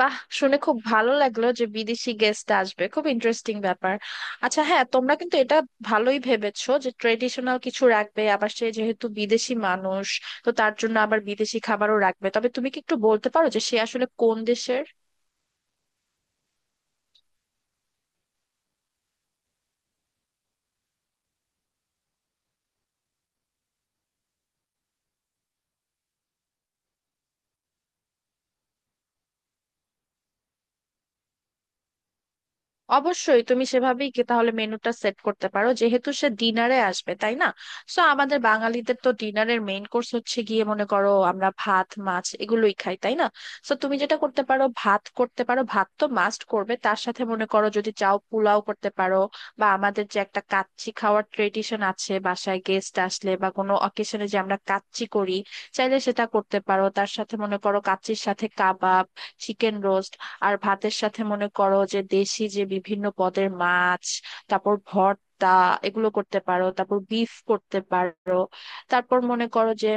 বাহ শুনে খুব ভালো লাগলো যে বিদেশি গেস্ট আসবে, খুব ইন্টারেস্টিং ব্যাপার। আচ্ছা হ্যাঁ, তোমরা কিন্তু এটা ভালোই ভেবেছো যে ট্রেডিশনাল কিছু রাখবে, আবার সে যেহেতু বিদেশি মানুষ তো তার জন্য আবার বিদেশি খাবারও রাখবে। তবে তুমি কি একটু বলতে পারো যে সে আসলে কোন দেশের? অবশ্যই তুমি সেভাবেই কি তাহলে মেনুটা সেট করতে পারো, যেহেতু সে ডিনারে আসবে, তাই না? সো আমাদের বাঙালিদের তো ডিনারের মেইন কোর্স হচ্ছে গিয়ে, মনে করো আমরা ভাত মাছ এগুলোই খাই, তাই না? সো তুমি যেটা করতে পারো, ভাত করতে পারো, ভাত তো মাস্ট করবে, তার সাথে মনে করো যদি চাও পোলাও করতে পারো, বা আমাদের যে একটা কাচ্চি খাওয়ার ট্রেডিশন আছে বাসায় গেস্ট আসলে বা কোনো অকেশনে যে আমরা কাচ্চি করি, চাইলে সেটা করতে পারো। তার সাথে মনে করো কাচ্চির সাথে কাবাব, চিকেন রোস্ট, আর ভাতের সাথে মনে করো যে দেশি যে বিভিন্ন পদের মাছ, তারপর ভর্তা, এগুলো করতে পারো, তারপর বিফ করতে পারো। তারপর মনে করো যে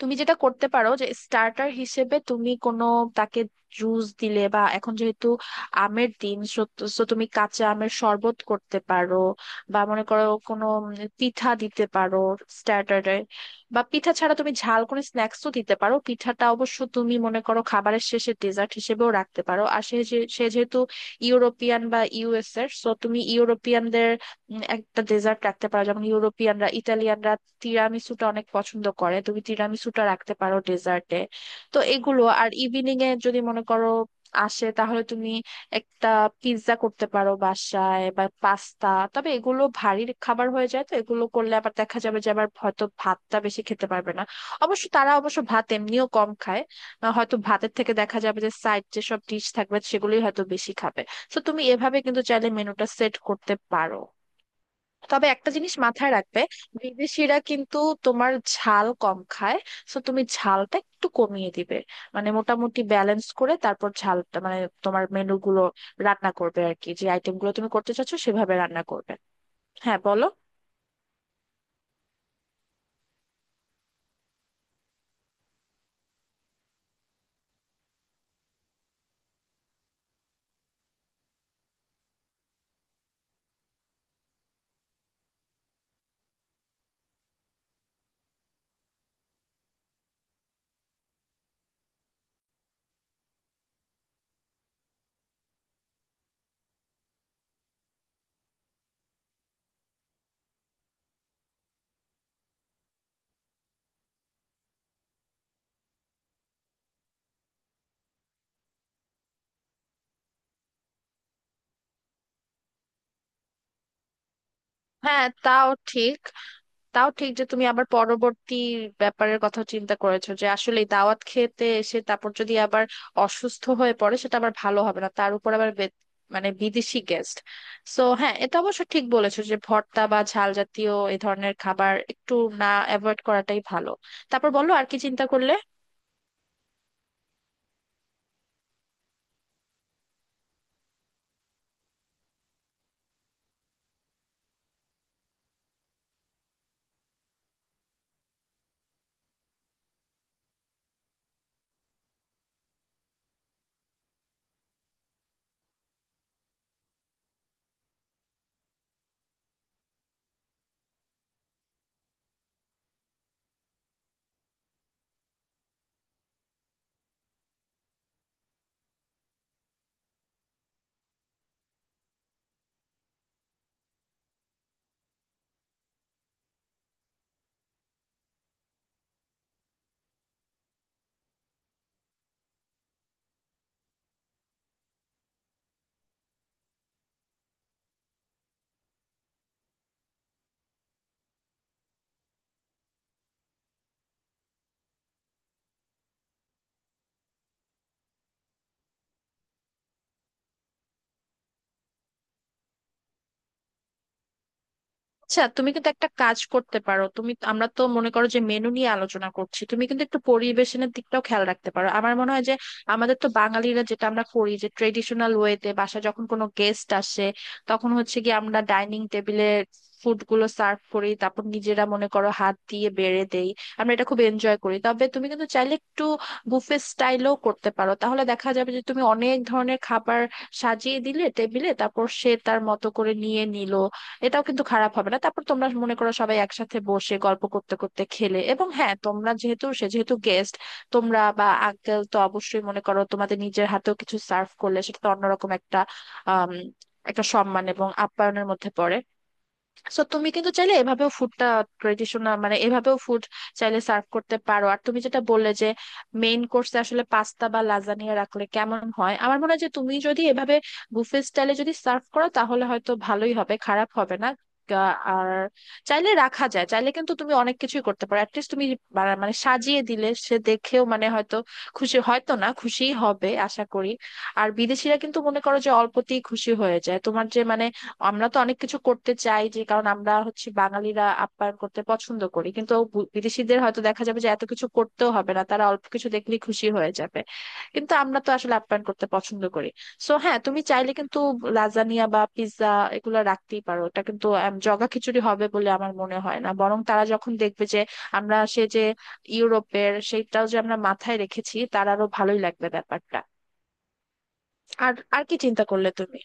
তুমি যেটা করতে পারো যে স্টার্টার হিসেবে তুমি কোনো তাকে জুস দিলে, বা এখন যেহেতু আমের দিন সো তুমি কাঁচা আমের শরবত করতে পারো, বা মনে করো কোনো উম পিঠা দিতে পারো স্টার্টারে, বা পিঠা ছাড়া তুমি ঝাল কোনো স্ন্যাক্সও দিতে পারো। পিঠাটা অবশ্য তুমি মনে করো খাবারের শেষে ডেজার্ট হিসেবেও রাখতে পারো। আর সে যেহেতু ইউরোপিয়ান বা ইউএস এর, সো তুমি ইউরোপিয়ানদের একটা ডেজার্ট রাখতে পারো, যেমন ইউরোপিয়ানরা ইটালিয়ানরা তিরামিসুটা অনেক পছন্দ করে, তুমি তিরামিসুটা রাখতে পারো ডেজার্টে। তো এগুলো। আর ইভিনিং এ যদি মনে করো আসে তাহলে তুমি একটা পিৎজা করতে পারো বাসায় বা পাস্তা, তবে এগুলো ভারী খাবার হয়ে যায় তো এগুলো করলে আবার দেখা যাবে যে আবার হয়তো ভাতটা বেশি খেতে পারবে না। অবশ্য তারা অবশ্য ভাত এমনিও কম খায়, হয়তো ভাতের থেকে দেখা যাবে যে সাইড যেসব ডিশ থাকবে সেগুলোই হয়তো বেশি খাবে। তো তুমি এভাবে কিন্তু চাইলে মেনুটা সেট করতে পারো। তবে একটা জিনিস মাথায় রাখবে, বিদেশিরা কিন্তু তোমার ঝাল কম খায়, তো তুমি ঝালটা একটু কমিয়ে দিবে, মানে মোটামুটি ব্যালেন্স করে তারপর ঝালটা মানে তোমার মেনুগুলো রান্না করবে আর কি, যে আইটেমগুলো তুমি করতে চাচ্ছো সেভাবে রান্না করবে। হ্যাঁ বলো। হ্যাঁ, তাও ঠিক। তাও ঠিক যে তুমি আবার পরবর্তী ব্যাপারের কথা চিন্তা করেছো যে আসলে দাওয়াত খেতে এসে তারপর যদি আবার অসুস্থ হয়ে পড়ে সেটা আবার ভালো হবে না, তার উপর আবার মানে বিদেশি গেস্ট। সো হ্যাঁ, এটা অবশ্য ঠিক বলেছো যে ভর্তা বা ঝাল জাতীয় এই ধরনের খাবার একটু না অ্যাভয়েড করাটাই ভালো। তারপর বলো আর কি চিন্তা করলে। আচ্ছা, তুমি কিন্তু একটা কাজ করতে পারো, তুমি আমরা তো মনে করো যে মেনু নিয়ে আলোচনা করছি, তুমি কিন্তু একটু পরিবেশনের দিকটাও খেয়াল রাখতে পারো। আমার মনে হয় যে আমাদের তো বাঙালিরা যেটা আমরা করি যে ট্রেডিশনাল ওয়েতে বাসা যখন কোনো গেস্ট আসে তখন হচ্ছে কি আমরা ডাইনিং টেবিলে ফুড গুলো সার্ভ করি, তারপর নিজেরা মনে করো হাত দিয়ে বেড়ে দেই, আমরা এটা খুব এনজয় করি। তবে তুমি কিন্তু চাইলে একটু বুফে স্টাইলও করতে পারো, তাহলে দেখা যাবে যে তুমি অনেক ধরনের খাবার সাজিয়ে দিলে টেবিলে, তারপর সে তার মতো করে নিয়ে নিল, এটাও কিন্তু খারাপ হবে না। তারপর তোমরা মনে করো সবাই একসাথে বসে গল্প করতে করতে খেলে, এবং হ্যাঁ তোমরা যেহেতু সে যেহেতু গেস্ট, তোমরা বা আঙ্কেল তো অবশ্যই মনে করো তোমাদের নিজের হাতেও কিছু সার্ভ করলে সেটা তো অন্যরকম একটা আম, একটা সম্মান এবং আপ্যায়নের মধ্যে পড়ে। সো তুমি কিন্তু চাইলে এভাবেও ফুডটা ট্রেডিশনাল মানে এভাবেও ফুড চাইলে সার্ভ করতে পারো। আর তুমি যেটা বললে যে মেইন কোর্সে আসলে পাস্তা বা লাজানিয়া রাখলে কেমন হয়, আমার মনে হয় যে তুমি যদি এভাবে বুফে স্টাইলে যদি সার্ভ করো তাহলে হয়তো ভালোই হবে, খারাপ হবে না। আর চাইলে রাখা যায়, চাইলে কিন্তু তুমি অনেক কিছুই করতে পারো। অ্যাটলিস্ট তুমি মানে সাজিয়ে দিলে সে দেখেও মানে হয়তো খুশি, হয়তো না খুশিই হবে আশা করি। আর বিদেশিরা কিন্তু মনে করো যে অল্পতেই খুশি হয়ে যায়, তোমার যে মানে আমরা তো অনেক কিছু করতে চাই যে, কারণ আমরা হচ্ছে বাঙালিরা আপ্যায়ন করতে পছন্দ করি, কিন্তু বিদেশিদের হয়তো দেখা যাবে যে এত কিছু করতেও হবে না, তারা অল্প কিছু দেখলেই খুশি হয়ে যাবে। কিন্তু আমরা তো আসলে আপ্যায়ন করতে পছন্দ করি। সো হ্যাঁ, তুমি চাইলে কিন্তু লাজানিয়া বা পিৎজা এগুলো রাখতেই পারো, এটা কিন্তু জগা খিচুড়ি হবে বলে আমার মনে হয় না, বরং তারা যখন দেখবে যে আমরা সে যে ইউরোপের সেইটাও যে আমরা মাথায় রেখেছি, তার আরো ভালোই লাগবে ব্যাপারটা। আর আর কি চিন্তা করলে তুমি?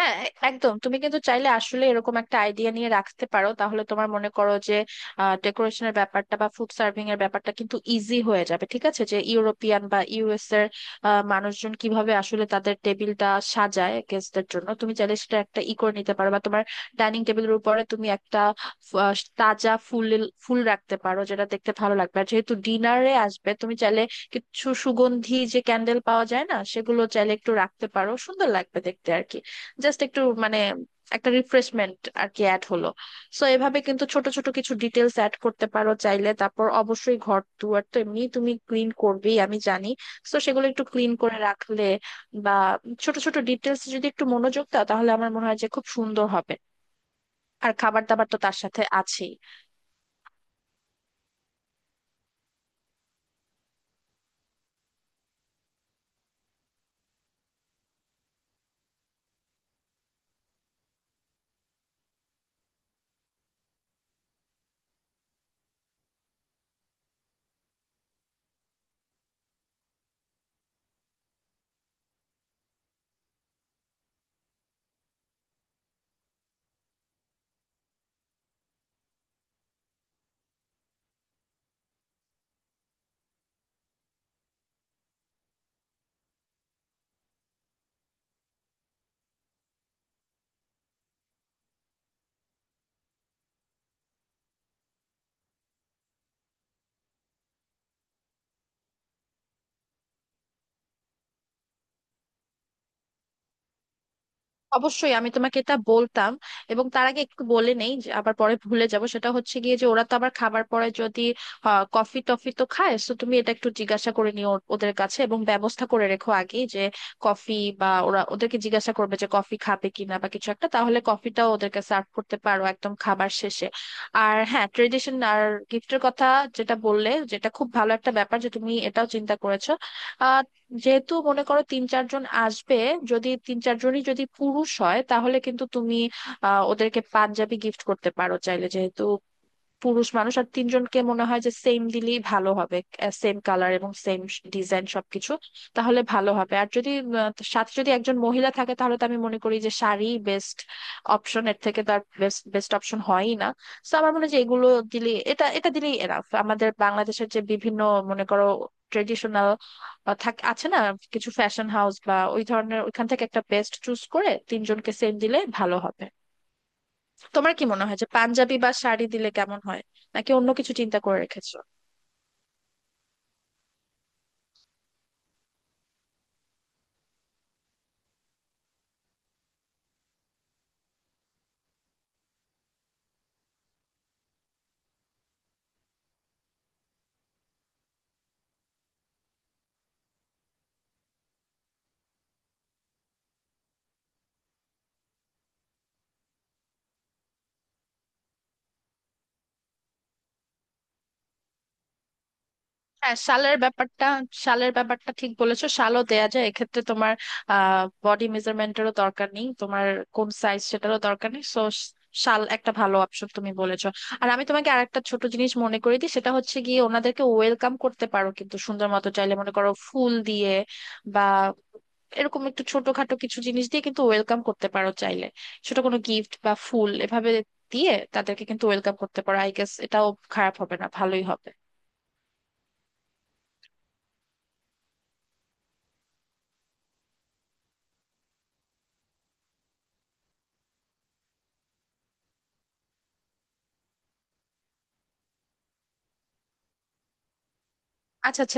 হ্যাঁ, একদম, তুমি কিন্তু চাইলে আসলে এরকম একটা আইডিয়া নিয়ে রাখতে পারো, তাহলে তোমার মনে করো যে ডেকোরেশনের ব্যাপারটা বা ফুড সার্ভিং এর ব্যাপারটা কিন্তু ইজি হয়ে যাবে। ঠিক আছে, যে ইউরোপিয়ান বা ইউএস এর মানুষজন কিভাবে আসলে তাদের টেবিলটা সাজায় গেস্টদের জন্য, তুমি চাইলে সেটা একটা ই করে নিতে পারো। বা তোমার ডাইনিং টেবিলের উপরে তুমি একটা তাজা ফুল ফুল রাখতে পারো, যেটা দেখতে ভালো লাগবে। আর যেহেতু ডিনারে আসবে তুমি চাইলে কিছু সুগন্ধি যে ক্যান্ডেল পাওয়া যায় না, সেগুলো চাইলে একটু রাখতে পারো, সুন্দর লাগবে দেখতে আর কি। জাস্ট একটু মানে একটা রিফ্রেশমেন্ট আর কি অ্যাড হলো। সো এভাবে কিন্তু ছোট ছোট কিছু ডিটেলস অ্যাড করতে পারো চাইলে। তারপর অবশ্যই ঘর দুয়ার তো এমনি তুমি ক্লিন করবেই আমি জানি, সো সেগুলো একটু ক্লিন করে রাখলে বা ছোট ছোট ডিটেলস যদি একটু মনোযোগ দাও তাহলে আমার মনে হয় যে খুব সুন্দর হবে। আর খাবার দাবার তো তার সাথে আছেই। অবশ্যই আমি তোমাকে এটা বলতাম। এবং তার আগে একটু বলে নেই, যে আবার পরে ভুলে যাব, সেটা হচ্ছে গিয়ে যে ওরা তো আবার খাবার পরে যদি কফি টফি তো খায়, তো তুমি এটা একটু জিজ্ঞাসা করে নিও ওদের কাছে, এবং ব্যবস্থা করে রেখো আগেই যে কফি, বা ওরা ওদেরকে জিজ্ঞাসা করবে যে কফি খাবে কিনা বা কিছু একটা, তাহলে কফিটাও ওদেরকে সার্ভ করতে পারো একদম খাবার শেষে। আর হ্যাঁ, ট্রেডিশন আর গিফটের কথা যেটা বললে, যেটা খুব ভালো একটা ব্যাপার যে তুমি এটাও চিন্তা করেছো। যেহেতু মনে করো তিন চারজন আসবে, যদি তিন চারজনই যদি পুরুষ হয় তাহলে কিন্তু তুমি ওদেরকে পাঞ্জাবি গিফট করতে পারো চাইলে, যেহেতু পুরুষ মানুষ। আর তিনজনকে মনে হয় যে সেম দিলেই ভালো হবে, সেম কালার এবং সেম ডিজাইন সবকিছু, তাহলে ভালো হবে। আর যদি সাথে যদি একজন মহিলা থাকে তাহলে তো আমি মনে করি যে শাড়ি বেস্ট অপশন, এর থেকে তার বেস্ট বেস্ট অপশন হয়ই না। তো আমার মনে হয় যে এগুলো দিলে, এটা এটা দিলেই এনাফ। আমাদের বাংলাদেশের যে বিভিন্ন মনে করো ট্রেডিশনাল থাকে আছে না, কিছু ফ্যাশন হাউস বা ওই ধরনের ওইখান থেকে একটা বেস্ট চুজ করে তিনজনকে সেম দিলে ভালো হবে। তোমার কি মনে হয় যে পাঞ্জাবি বা শাড়ি দিলে কেমন হয়, নাকি অন্য কিছু চিন্তা করে রেখেছো? হ্যাঁ, শালের ব্যাপারটা ঠিক বলেছো, শালও দেয়া যায়, এক্ষেত্রে তোমার বডি মেজারমেন্টেরও দরকার নেই, তোমার কোন সাইজ সেটারও দরকার নেই। সো শাল একটা ভালো অপশন তুমি বলেছো। আর আমি তোমাকে আরেকটা ছোট জিনিস মনে করি দিই, সেটা হচ্ছে গিয়ে ওনাদেরকে ওয়েলকাম করতে পারো কিন্তু সুন্দর মতো, চাইলে মনে করো ফুল দিয়ে, বা এরকম একটু ছোটখাটো কিছু জিনিস দিয়ে কিন্তু ওয়েলকাম করতে পারো চাইলে, ছোট কোনো গিফট বা ফুল এভাবে দিয়ে তাদেরকে কিন্তু ওয়েলকাম করতে পারো। আই গেস এটাও খারাপ হবে না, ভালোই হবে। আচ্ছা, আচ্ছা।